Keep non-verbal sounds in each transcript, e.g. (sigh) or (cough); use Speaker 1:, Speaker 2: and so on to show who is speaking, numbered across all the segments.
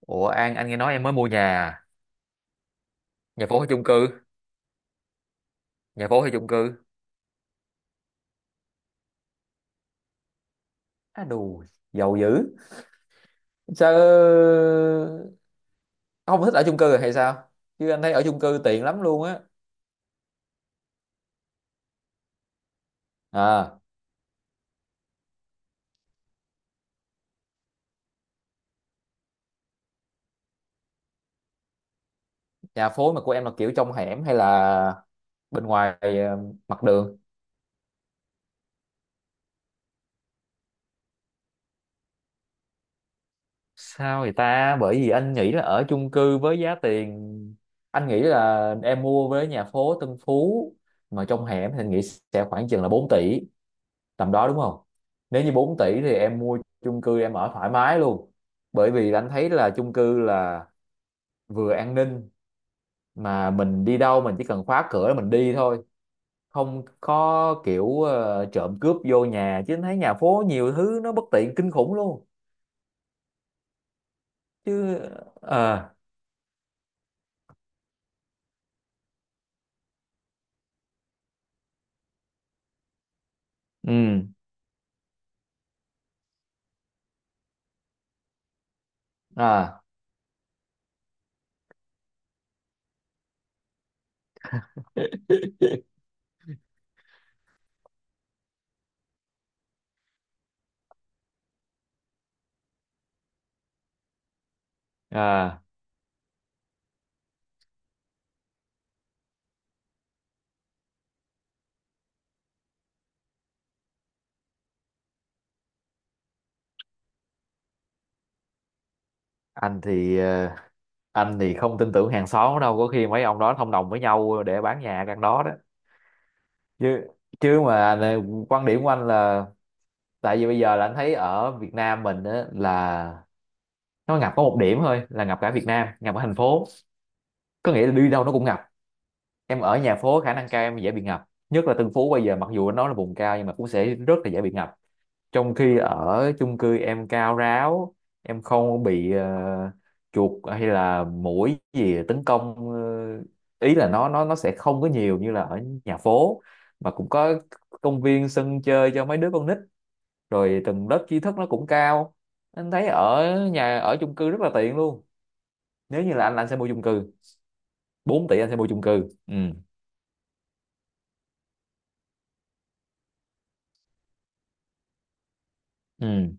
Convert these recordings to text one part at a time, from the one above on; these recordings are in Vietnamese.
Speaker 1: Ủa An, anh nghe nói em mới mua nhà, à? Nhà phố hay chung cư? Nhà phố hay chung cư? Á đù, giàu dữ. Sao ông không thích ở chung cư hay sao? Chứ anh thấy ở chung cư tiện lắm luôn á. À, Nhà phố mà của em là kiểu trong hẻm hay là bên ngoài, mặt đường? Sao vậy ta? Bởi vì anh nghĩ là ở chung cư với giá tiền, anh nghĩ là em mua với nhà phố Tân Phú mà trong hẻm thì anh nghĩ sẽ khoảng chừng là 4 tỷ, tầm đó đúng không? Nếu như 4 tỷ thì em mua chung cư em ở thoải mái luôn, bởi vì anh thấy là chung cư là vừa an ninh mà mình đi đâu mình chỉ cần khóa cửa là mình đi thôi, không có kiểu trộm cướp vô nhà. Chứ anh thấy nhà phố nhiều thứ nó bất tiện kinh khủng luôn. Chứ ờ ừ. À, à, anh thì anh thì không tin tưởng hàng xóm đâu, có khi mấy ông đó thông đồng với nhau để bán nhà căn đó đó. Chứ, chứ mà này, quan điểm của anh là tại vì bây giờ là anh thấy ở Việt Nam mình á, là nó ngập có một điểm thôi là ngập cả Việt Nam, ngập ở thành phố, có nghĩa là đi đâu nó cũng ngập. Em ở nhà phố khả năng cao em dễ bị ngập, nhất là Tân Phú bây giờ mặc dù nó là vùng cao nhưng mà cũng sẽ rất là dễ bị ngập. Trong khi ở chung cư em cao ráo, em không bị chuột hay là muỗi gì tấn công. Ờ, Ý là nó sẽ không có nhiều như là ở nhà phố, mà cũng có công viên sân chơi cho mấy đứa con nít, rồi từng lớp tri thức nó cũng cao. Anh thấy ở nhà, ở chung cư rất là tiện luôn. Nếu như là anh, là anh sẽ mua chung cư. Bốn tỷ anh sẽ mua chung cư, ừ. Ừ.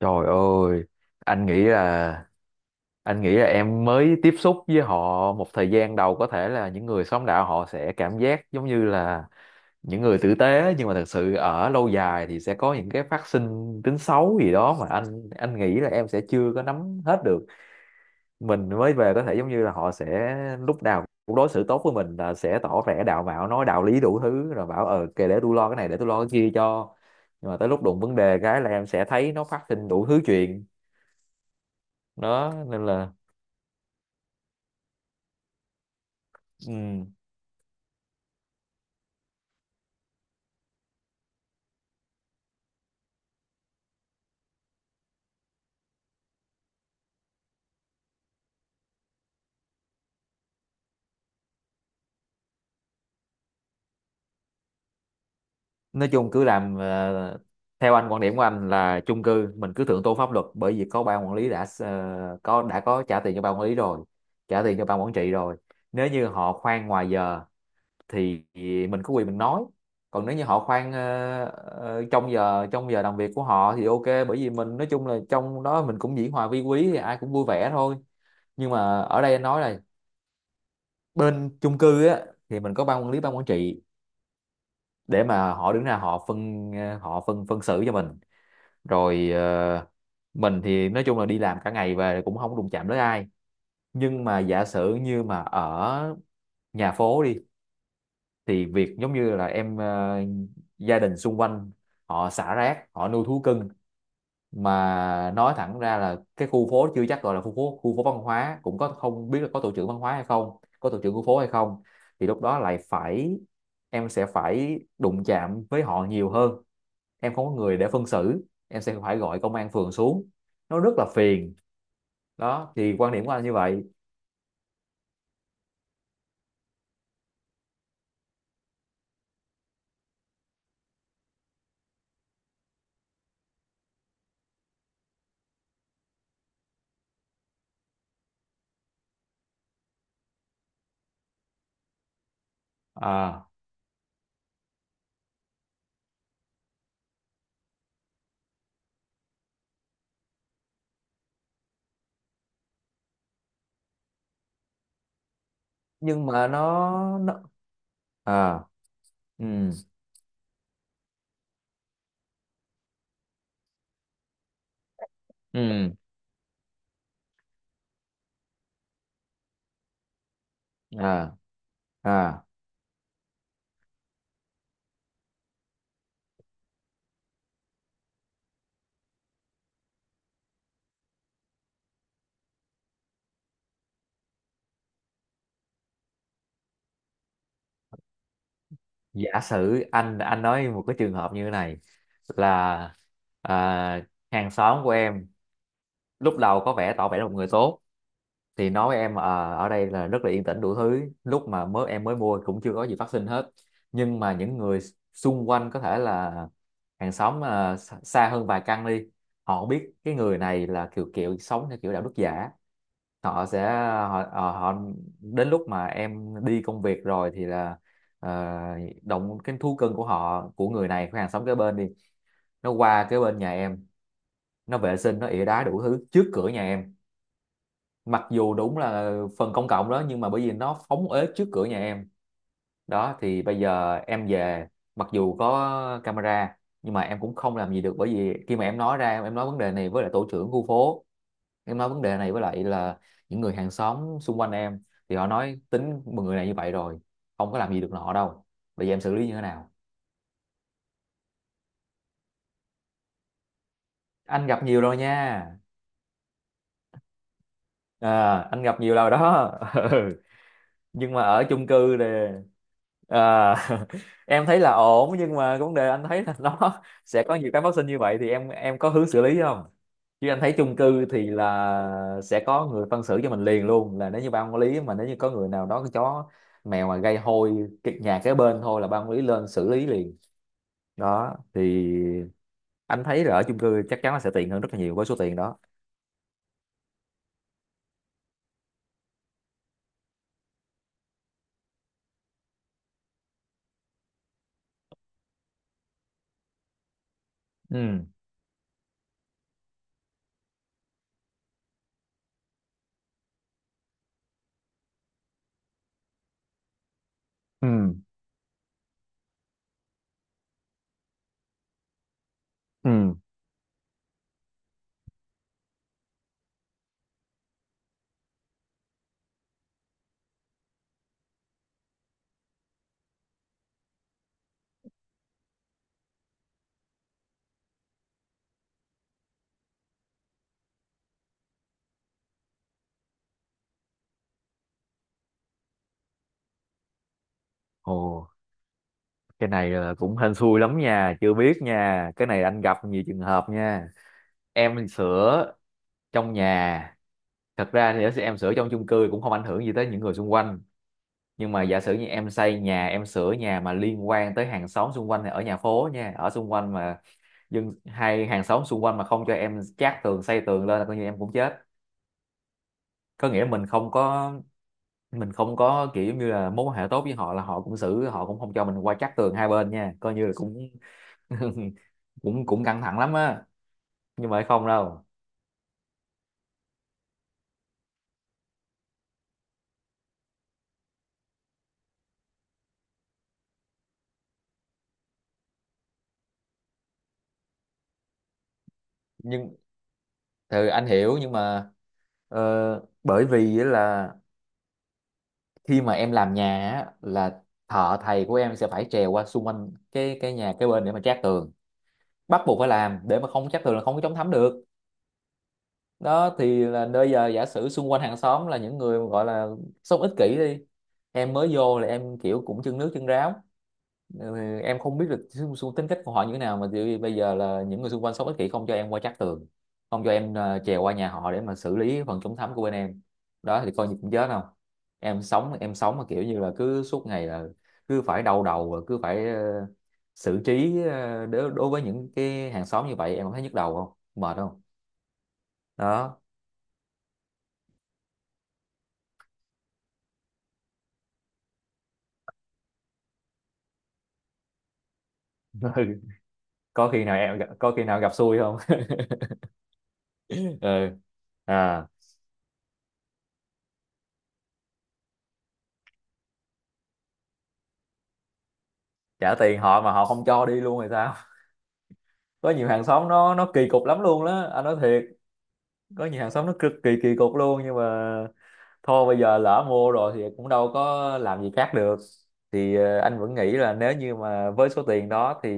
Speaker 1: Trời ơi, anh nghĩ là, anh nghĩ là em mới tiếp xúc với họ một thời gian đầu, có thể là những người xóm đạo họ sẽ cảm giác giống như là những người tử tế, nhưng mà thật sự ở lâu dài thì sẽ có những cái phát sinh tính xấu gì đó mà anh nghĩ là em sẽ chưa có nắm hết được. Mình mới về có thể giống như là họ sẽ lúc nào cũng đối xử tốt với mình, là sẽ tỏ vẻ đạo mạo, nói đạo lý đủ thứ, rồi bảo ờ kệ để tôi lo cái này, để tôi lo cái kia cho, nhưng mà tới lúc đụng vấn đề cái là em sẽ thấy nó phát sinh đủ thứ chuyện. Đó nên là ừm, nói chung cứ làm, theo anh, quan điểm của anh là chung cư mình cứ thượng tôn pháp luật, bởi vì có ban quản lý đã có, đã có trả tiền cho ban quản lý rồi, trả tiền cho ban quản trị rồi. Nếu như họ khoan ngoài giờ thì mình có quyền mình nói. Còn nếu như họ khoan trong giờ, trong giờ làm việc của họ thì ok, bởi vì mình nói chung là trong đó mình cũng dĩ hòa vi quý thì ai cũng vui vẻ thôi. Nhưng mà ở đây anh nói là bên chung cư á thì mình có ban quản lý, ban quản trị để mà họ đứng ra họ phân xử cho mình. Rồi mình thì nói chung là đi làm cả ngày về cũng không đụng chạm tới ai. Nhưng mà giả sử như mà ở nhà phố đi, thì việc giống như là em, gia đình xung quanh họ xả rác, họ nuôi thú cưng, mà nói thẳng ra là cái khu phố chưa chắc gọi là khu phố, khu phố văn hóa cũng có, không biết là có tổ trưởng văn hóa hay không, có tổ trưởng khu phố hay không, thì lúc đó lại phải, em sẽ phải đụng chạm với họ nhiều hơn, em không có người để phân xử, em sẽ phải gọi công an phường xuống, nó rất là phiền. Đó thì quan điểm của anh như vậy. À, nhưng mà nó à, ừ, ừ, à, à, giả sử anh nói một cái trường hợp như thế này là, à, hàng xóm của em lúc đầu có vẻ tỏ vẻ là một người tốt, thì nói với em ở đây là rất là yên tĩnh đủ thứ, lúc mà mới em mới mua cũng chưa có gì phát sinh hết. Nhưng mà những người xung quanh có thể là hàng xóm xa xa hơn vài căn đi, họ biết cái người này là kiểu kiểu sống theo kiểu đạo đức giả, họ sẽ, họ, họ họ đến lúc mà em đi công việc rồi thì là, uh, động cái thú cưng của họ, của người này, của hàng xóm kế bên đi, nó qua kế bên nhà em, nó vệ sinh, nó ỉa đá đủ thứ trước cửa nhà em. Mặc dù đúng là phần công cộng đó, nhưng mà bởi vì nó phóng uế trước cửa nhà em, đó thì bây giờ em về, mặc dù có camera, nhưng mà em cũng không làm gì được, bởi vì khi mà em nói ra, em nói vấn đề này với lại tổ trưởng khu phố, em nói vấn đề này với lại là những người hàng xóm xung quanh em, thì họ nói tính một người này như vậy rồi, không có làm gì được nọ đâu. Bây giờ em xử lý như thế nào? Anh gặp nhiều rồi nha. À, anh gặp nhiều rồi đó. (laughs) Ừ. Nhưng mà ở chung cư thì à, (laughs) em thấy là ổn, nhưng mà vấn đề anh thấy là nó (laughs) sẽ có nhiều cái phát sinh như vậy, thì em có hướng xử lý không? Chứ anh thấy chung cư thì là sẽ có người phân xử cho mình liền luôn, là nếu như ban quản lý, mà nếu như có người nào đó cái chó mèo mà gây hôi cái nhà kế bên thôi là ban quản lý lên xử lý liền. Đó thì anh thấy là ở chung cư chắc chắn là sẽ tiện hơn rất là nhiều với số tiền đó. Ừ, ừ, ừ. Ồ, cái này là cũng hên xui lắm nha, chưa biết nha. Cái này anh gặp nhiều trường hợp nha. Em sửa trong nhà, thật ra thì em sửa trong chung cư cũng không ảnh hưởng gì tới những người xung quanh. Nhưng mà giả sử như em xây nhà, em sửa nhà mà liên quan tới hàng xóm xung quanh thì ở nhà phố nha, ở xung quanh mà dân hay hàng xóm xung quanh mà không cho em chát tường, xây tường lên là coi như em cũng chết. Có nghĩa mình không có, mình không có kiểu giống như là mối quan hệ tốt với họ, là họ cũng xử, họ cũng không cho mình qua chát tường hai bên nha, coi như là cũng (laughs) cũng cũng căng thẳng lắm á. Nhưng mà không đâu. Nhưng thì anh hiểu, nhưng mà bởi vì á là khi mà em làm nhà á, là thợ thầy của em sẽ phải trèo qua xung quanh cái nhà kế bên để mà trát tường, bắt buộc phải làm, để mà không trát tường là không có chống thấm được. Đó thì là bây giờ giả sử xung quanh hàng xóm là những người gọi là sống ích kỷ đi, em mới vô là em kiểu cũng chân nước chân ráo, ừ, em không biết được xu, xu tính cách của họ như thế nào, mà thì bây giờ là những người xung quanh sống ích kỷ không cho em qua trắc tường, không cho em trèo qua nhà họ để mà xử lý phần chống thấm của bên em. Đó thì coi như cũng chết không? Em sống, em sống mà kiểu như là cứ suốt ngày là cứ phải đau đầu, và cứ phải xử trí, đối, đối với những cái hàng xóm như vậy, em không thấy nhức đầu không, mệt không? Đó. (laughs) Có khi nào em gặp- có khi nào gặp xui không? (laughs) Ừ. À, trả tiền họ mà họ không cho đi luôn thì sao? Có nhiều hàng xóm nó kỳ cục lắm luôn đó, anh nói thiệt. Có nhiều hàng xóm nó cực kỳ kỳ cục luôn, nhưng mà thôi bây giờ lỡ mua rồi thì cũng đâu có làm gì khác được. Thì anh vẫn nghĩ là nếu như mà với số tiền đó thì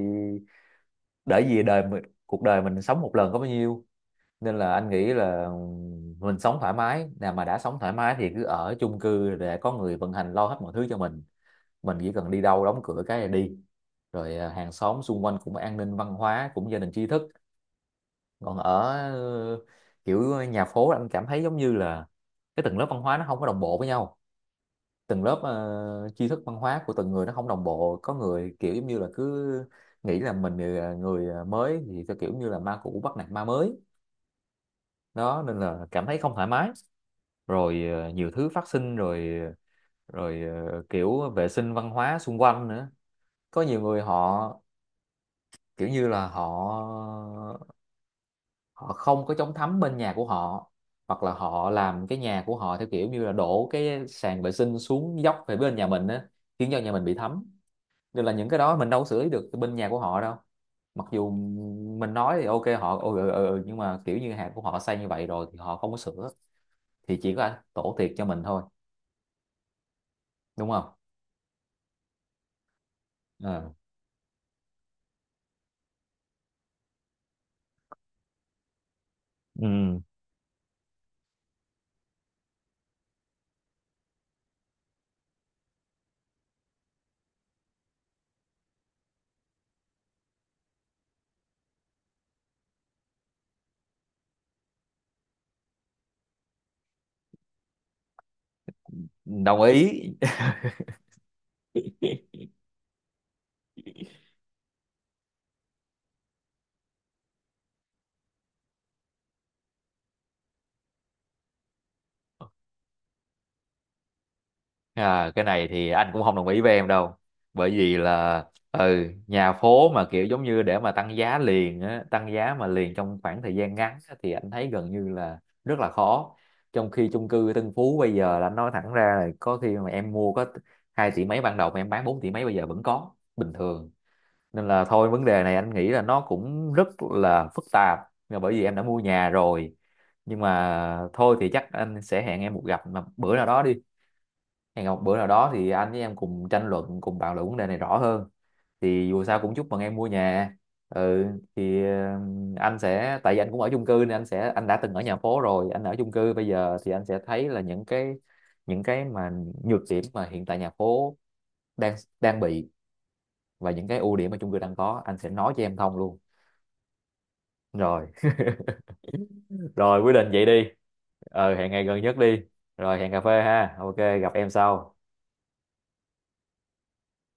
Speaker 1: để gì Đời mình, cuộc đời mình sống một lần có bao nhiêu, nên là anh nghĩ là mình sống thoải mái. Nào mà đã sống thoải mái thì cứ ở chung cư để có người vận hành lo hết mọi thứ cho mình chỉ cần đi đâu đóng cửa cái là đi. Rồi à, hàng xóm xung quanh cũng an ninh, văn hóa cũng gia đình tri thức. Còn ở ờ, kiểu nhà phố anh cảm thấy giống như là cái tầng lớp văn hóa nó không có đồng bộ với nhau, từng lớp tri thức văn hóa của từng người nó không đồng bộ. Có người kiểu giống như là cứ nghĩ là mình là người mới thì cái kiểu như là ma cũ bắt nạt ma mới đó, nên là cảm thấy không thoải mái. Rồi nhiều thứ phát sinh, rồi rồi kiểu vệ sinh văn hóa xung quanh nữa. Có nhiều người họ kiểu như là họ họ không có chống thấm bên nhà của họ, hoặc là họ làm cái nhà của họ theo kiểu như là đổ cái sàn vệ sinh xuống dốc về bên nhà mình á, khiến cho nhà mình bị thấm. Nên là những cái đó mình đâu có xử lý được bên nhà của họ đâu, mặc dù mình nói thì ok, họ ừ, ừ, ừ, ừ, nhưng mà kiểu như hàng của họ xây như vậy rồi thì họ không có sửa, thì chỉ có tổ thiệt cho mình thôi, đúng không. Ừ. Ừ. Đồng ý. À, cái này thì anh cũng không đồng ý với em đâu, bởi vì là ừ, nhà phố mà kiểu giống như để mà tăng giá liền á, tăng giá mà liền trong khoảng thời gian ngắn á, thì anh thấy gần như là rất là khó. Trong khi chung cư Tân Phú bây giờ là anh nói thẳng ra là có khi mà em mua có hai tỷ mấy ban đầu mà em bán 4 tỷ mấy bây giờ vẫn có, bình thường. Nên là thôi, vấn đề này anh nghĩ là nó cũng rất là phức tạp, là bởi vì em đã mua nhà rồi, nhưng mà thôi thì chắc anh sẽ hẹn em một gặp mà bữa nào đó đi, hẹn gặp bữa nào đó thì anh với em cùng tranh luận, cùng bàn luận vấn đề này rõ hơn. Thì dù sao cũng chúc mừng em mua nhà. Ừ, thì anh sẽ, tại vì anh cũng ở chung cư nên anh sẽ, anh đã từng ở nhà phố rồi anh ở chung cư bây giờ, thì anh sẽ thấy là những cái, những cái mà nhược điểm mà hiện tại nhà phố đang đang bị, và những cái ưu điểm mà chung cư đang có, anh sẽ nói cho em thông luôn. Rồi. Rồi quyết định vậy đi, ờ hẹn ngày gần nhất đi, rồi hẹn cà phê ha, ok gặp em sau.